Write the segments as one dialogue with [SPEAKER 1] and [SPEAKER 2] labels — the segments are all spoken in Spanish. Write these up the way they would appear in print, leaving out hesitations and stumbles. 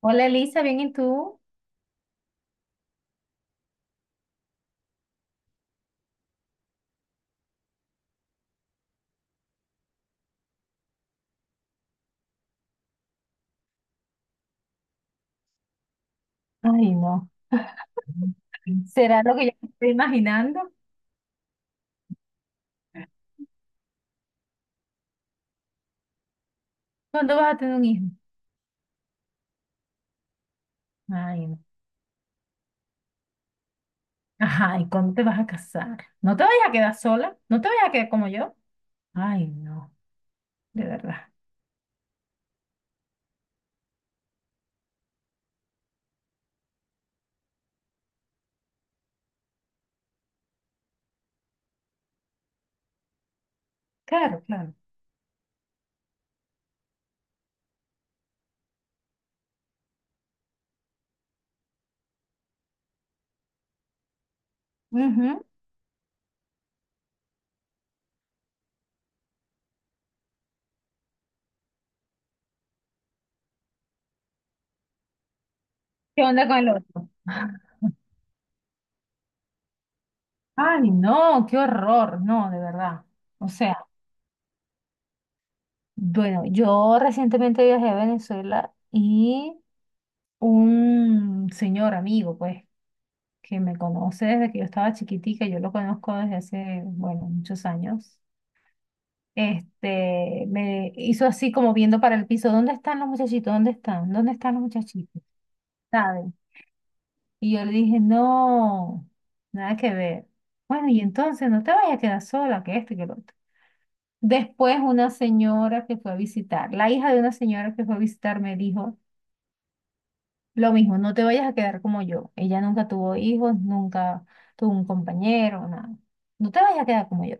[SPEAKER 1] Hola Elisa, ¿bien y tú? Ay, no. ¿Será lo que yo me estoy imaginando? ¿Cuándo vas a tener un hijo? Ay, no. Ajá, ¿y cuándo te vas a casar? ¿No te vayas a quedar sola? ¿No te vayas a quedar como yo? Ay, no, de verdad. Claro, claro. Ujú. ¿Qué onda con el otro? Ay, no, qué horror, no, de verdad. O sea, bueno, yo recientemente viajé a Venezuela y un señor amigo, pues, que me conoce desde que yo estaba chiquitica, yo lo conozco desde hace, bueno, muchos años, este, me hizo así como viendo para el piso, ¿dónde están los muchachitos? ¿Dónde están? ¿Dónde están los muchachitos? ¿Sabes? Y yo le dije, no, nada que ver. Bueno, y entonces no te vayas a quedar sola, que esto y que lo otro. Después una señora que fue a visitar, la hija de una señora que fue a visitar me dijo, lo mismo, no te vayas a quedar como yo. Ella nunca tuvo hijos, nunca tuvo un compañero, nada. No te vayas a quedar como yo.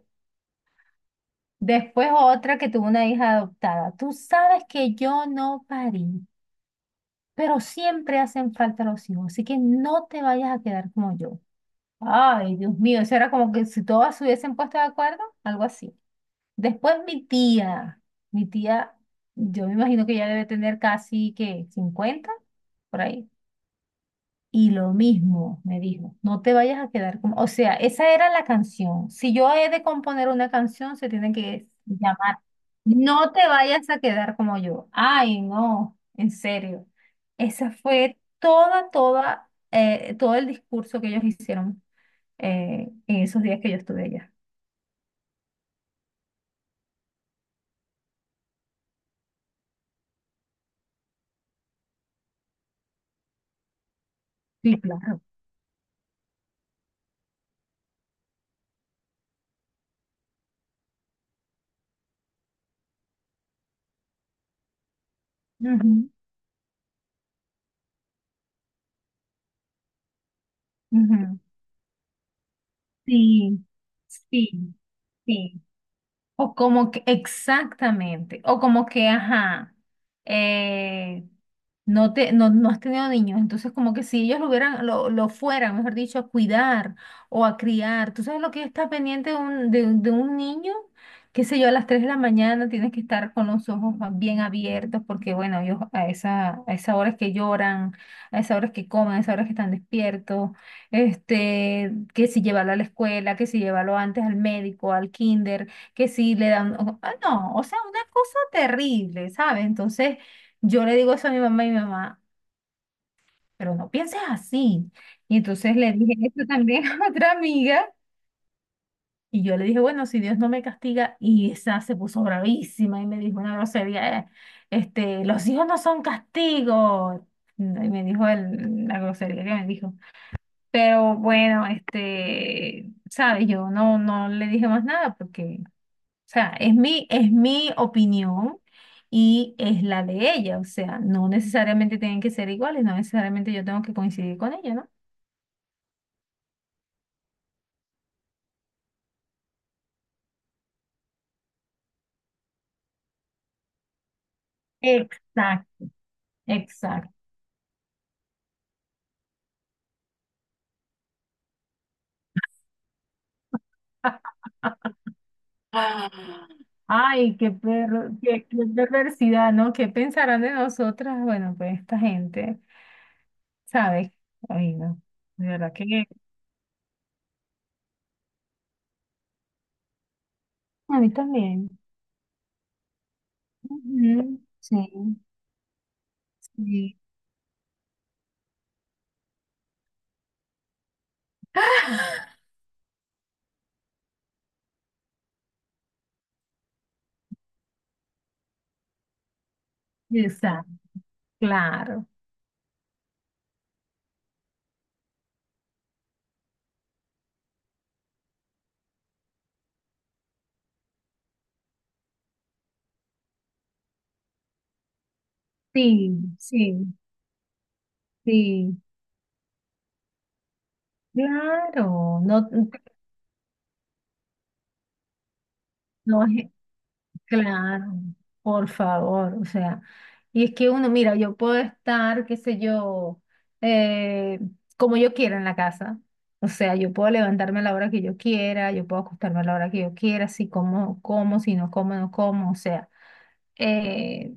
[SPEAKER 1] Después otra que tuvo una hija adoptada. Tú sabes que yo no parí, pero siempre hacen falta los hijos, así que no te vayas a quedar como yo. Ay, Dios mío, eso era como que si todas se hubiesen puesto de acuerdo, algo así. Después mi tía, yo me imagino que ya debe tener casi que 50 por ahí. Y lo mismo me dijo, no te vayas a quedar como, o sea, esa era la canción. Si yo he de componer una canción, se tiene que llamar, no te vayas a quedar como yo. Ay, no, en serio. Esa fue todo el discurso que ellos hicieron en esos días que yo estuve allá. Sí, claro. Ujú, ujú. Sí, sí, sí. O como que, exactamente, o como que, ajá, eh, no te, no, no has tenido niños, entonces como que si ellos lo fueran, mejor dicho, a cuidar o a criar, tú sabes lo que está pendiente de un, de, un de un niño, qué sé yo, a las 3 de la mañana tienes que estar con los ojos bien abiertos, porque bueno, ellos a esa hora es que lloran, a esa hora es que comen, a esa hora es que están despiertos, este, que si llevarlo a la escuela, que si llevarlo antes al médico, al kinder que sí le dan, ah, no, o sea, una cosa terrible, ¿sabes? Entonces yo le digo eso a mi mamá y mi mamá, pero no pienses así. Y entonces le dije eso también a otra amiga y yo le dije, bueno, si Dios no me castiga, y esa se puso bravísima y me dijo una grosería, este, los hijos no son castigo. Y me dijo la grosería que me dijo. Pero bueno, este, ¿sabes? Yo no le dije más nada porque. O sea, es mi opinión y es la de ella. O sea, no necesariamente tienen que ser iguales, no necesariamente yo tengo que coincidir con ella, ¿no? Exacto. Exacto. Ay, qué perro, qué perversidad, ¿no? ¿Qué pensarán de nosotras? Bueno, pues esta gente, ¿sabes? Ay, no, de verdad que a mí también. Ujú, sí, sí, exacto, claro. Sí, sí, sí. Claro, no, no es, claro, por favor, o sea, y es que uno, mira, yo puedo estar, qué sé yo, eh, como yo quiera en la casa, o sea, yo puedo levantarme a la hora que yo quiera, yo puedo acostarme a la hora que yo quiera, si como, como, si no como, no como, o sea, eh,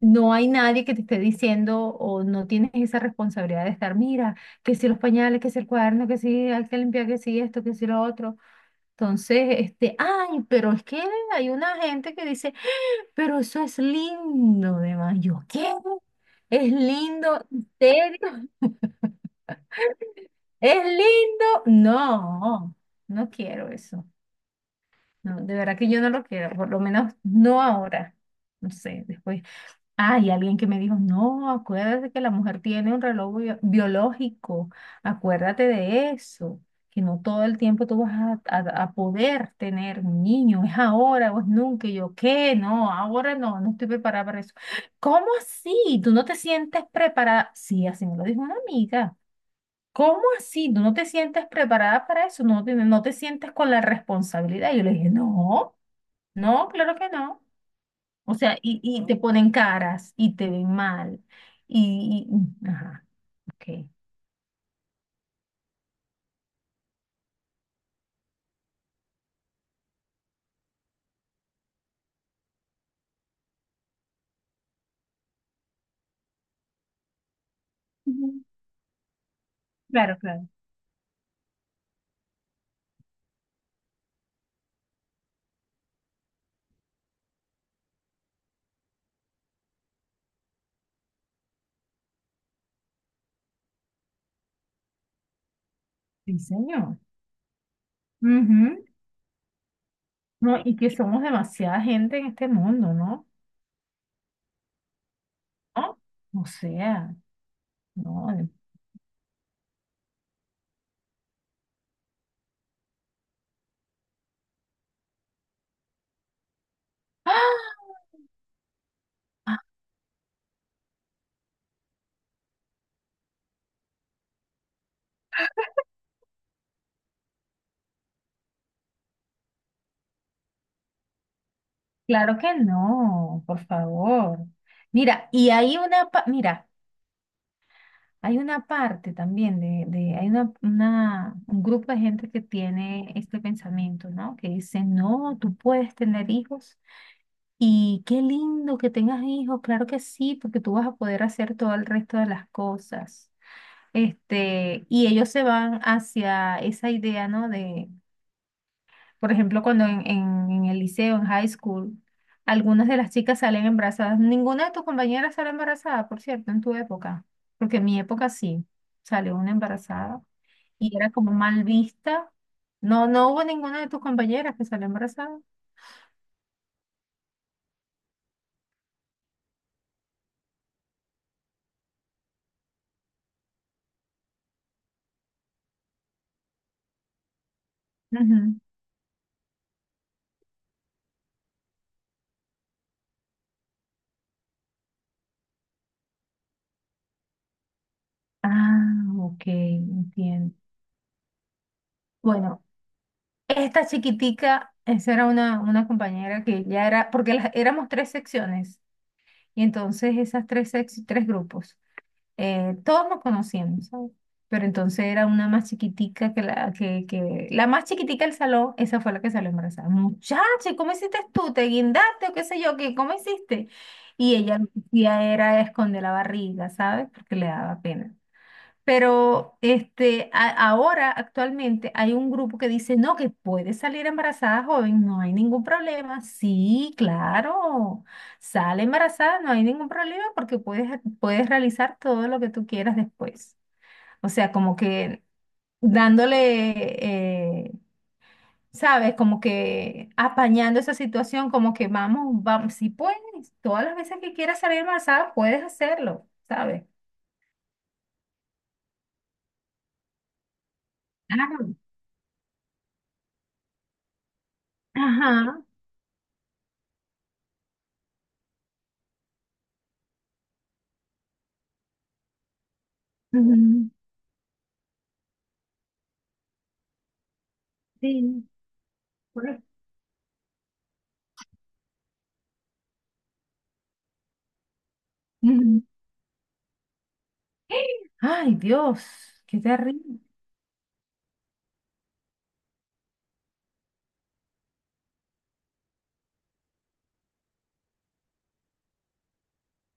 [SPEAKER 1] no hay nadie que te esté diciendo o no tienes esa responsabilidad de estar, mira, que si los pañales, que si el cuaderno, que si hay que limpiar, que si esto, que si lo otro. Entonces, este, ay, pero es que hay una gente que dice, pero eso es lindo, demás. Yo, ¿qué? ¿Es lindo? ¿En serio? ¿Es lindo? No, no quiero eso. No, de verdad que yo no lo quiero, por lo menos no ahora. No sé, después. Ah, alguien que me dijo, no, acuérdate que la mujer tiene un reloj biológico, acuérdate de eso, que no todo el tiempo tú vas a poder tener un niño, es ahora o es nunca. Y yo, ¿qué? No, ahora no estoy preparada para eso. ¿Cómo así? ¿Tú no te sientes preparada? Sí, así me lo dijo una amiga. ¿Cómo así? ¿Tú no te sientes preparada para eso? ¿No te sientes con la responsabilidad? Y yo le dije, no, no, claro que no. O sea, y te ponen caras y te ven mal. Ajá, ok. Ujú. Claro, claro. Sí, señor. Ujú. No, y que somos demasiada gente en este mundo, ¿no? ¿No? O sea, no. ¡Ah! Claro que no, por favor. Mira, y hay una, mira. Hay una parte también de hay una- un grupo de gente que tiene este pensamiento, ¿no? Que dice, no, tú puedes tener hijos y qué lindo que tengas hijos, claro que sí, porque tú vas a poder hacer todo el resto de las cosas. Este, y ellos se van hacia esa idea, ¿no? de por ejemplo, cuando en el liceo, en high school, algunas de las chicas salen embarazadas. Ninguna de tus compañeras sale embarazada, por cierto, en tu época. Porque en mi época sí, salió una embarazada y era como mal vista. No, no hubo ninguna de tus compañeras que salió embarazada. Ujú. Ah, ok, entiendo. Bueno, esta chiquitica, esa era una compañera que ya era, porque éramos tres secciones, y entonces esas tres grupos. Todos nos conocíamos, ¿sabes? Pero entonces era una más chiquitica que que la más chiquitica del salón, esa fue la que salió embarazada. Muchacha, ¿y cómo hiciste tú? ¿Te guindaste o qué sé yo? ¿Qué, cómo hiciste? Y ella lo que hacía era esconder la barriga, ¿sabes? Porque le daba pena. Pero este, ahora, actualmente, hay un grupo que dice, no, que puede salir embarazada joven, no hay ningún problema. Sí, claro, sale embarazada, no hay ningún problema porque puedes realizar todo lo que tú quieras después. O sea, como que dándole, eh, ¿sabes? Como que apañando esa situación, como que vamos, vamos, si puedes, todas las veces que quieras salir embarazada, puedes hacerlo, ¿sabes? Claro. Ajá. Ujú, sí. Ujú. Ay, Dios, qué terrible.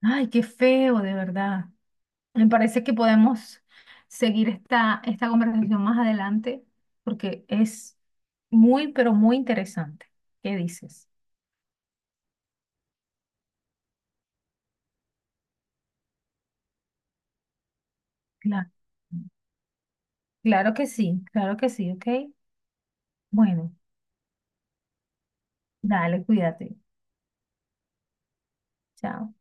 [SPEAKER 1] Ay, qué feo, de verdad. Me parece que podemos seguir esta conversación más adelante porque es muy, pero muy interesante. ¿Qué dices? Claro. Claro que sí, ¿ok? Bueno, dale, cuídate. Chao.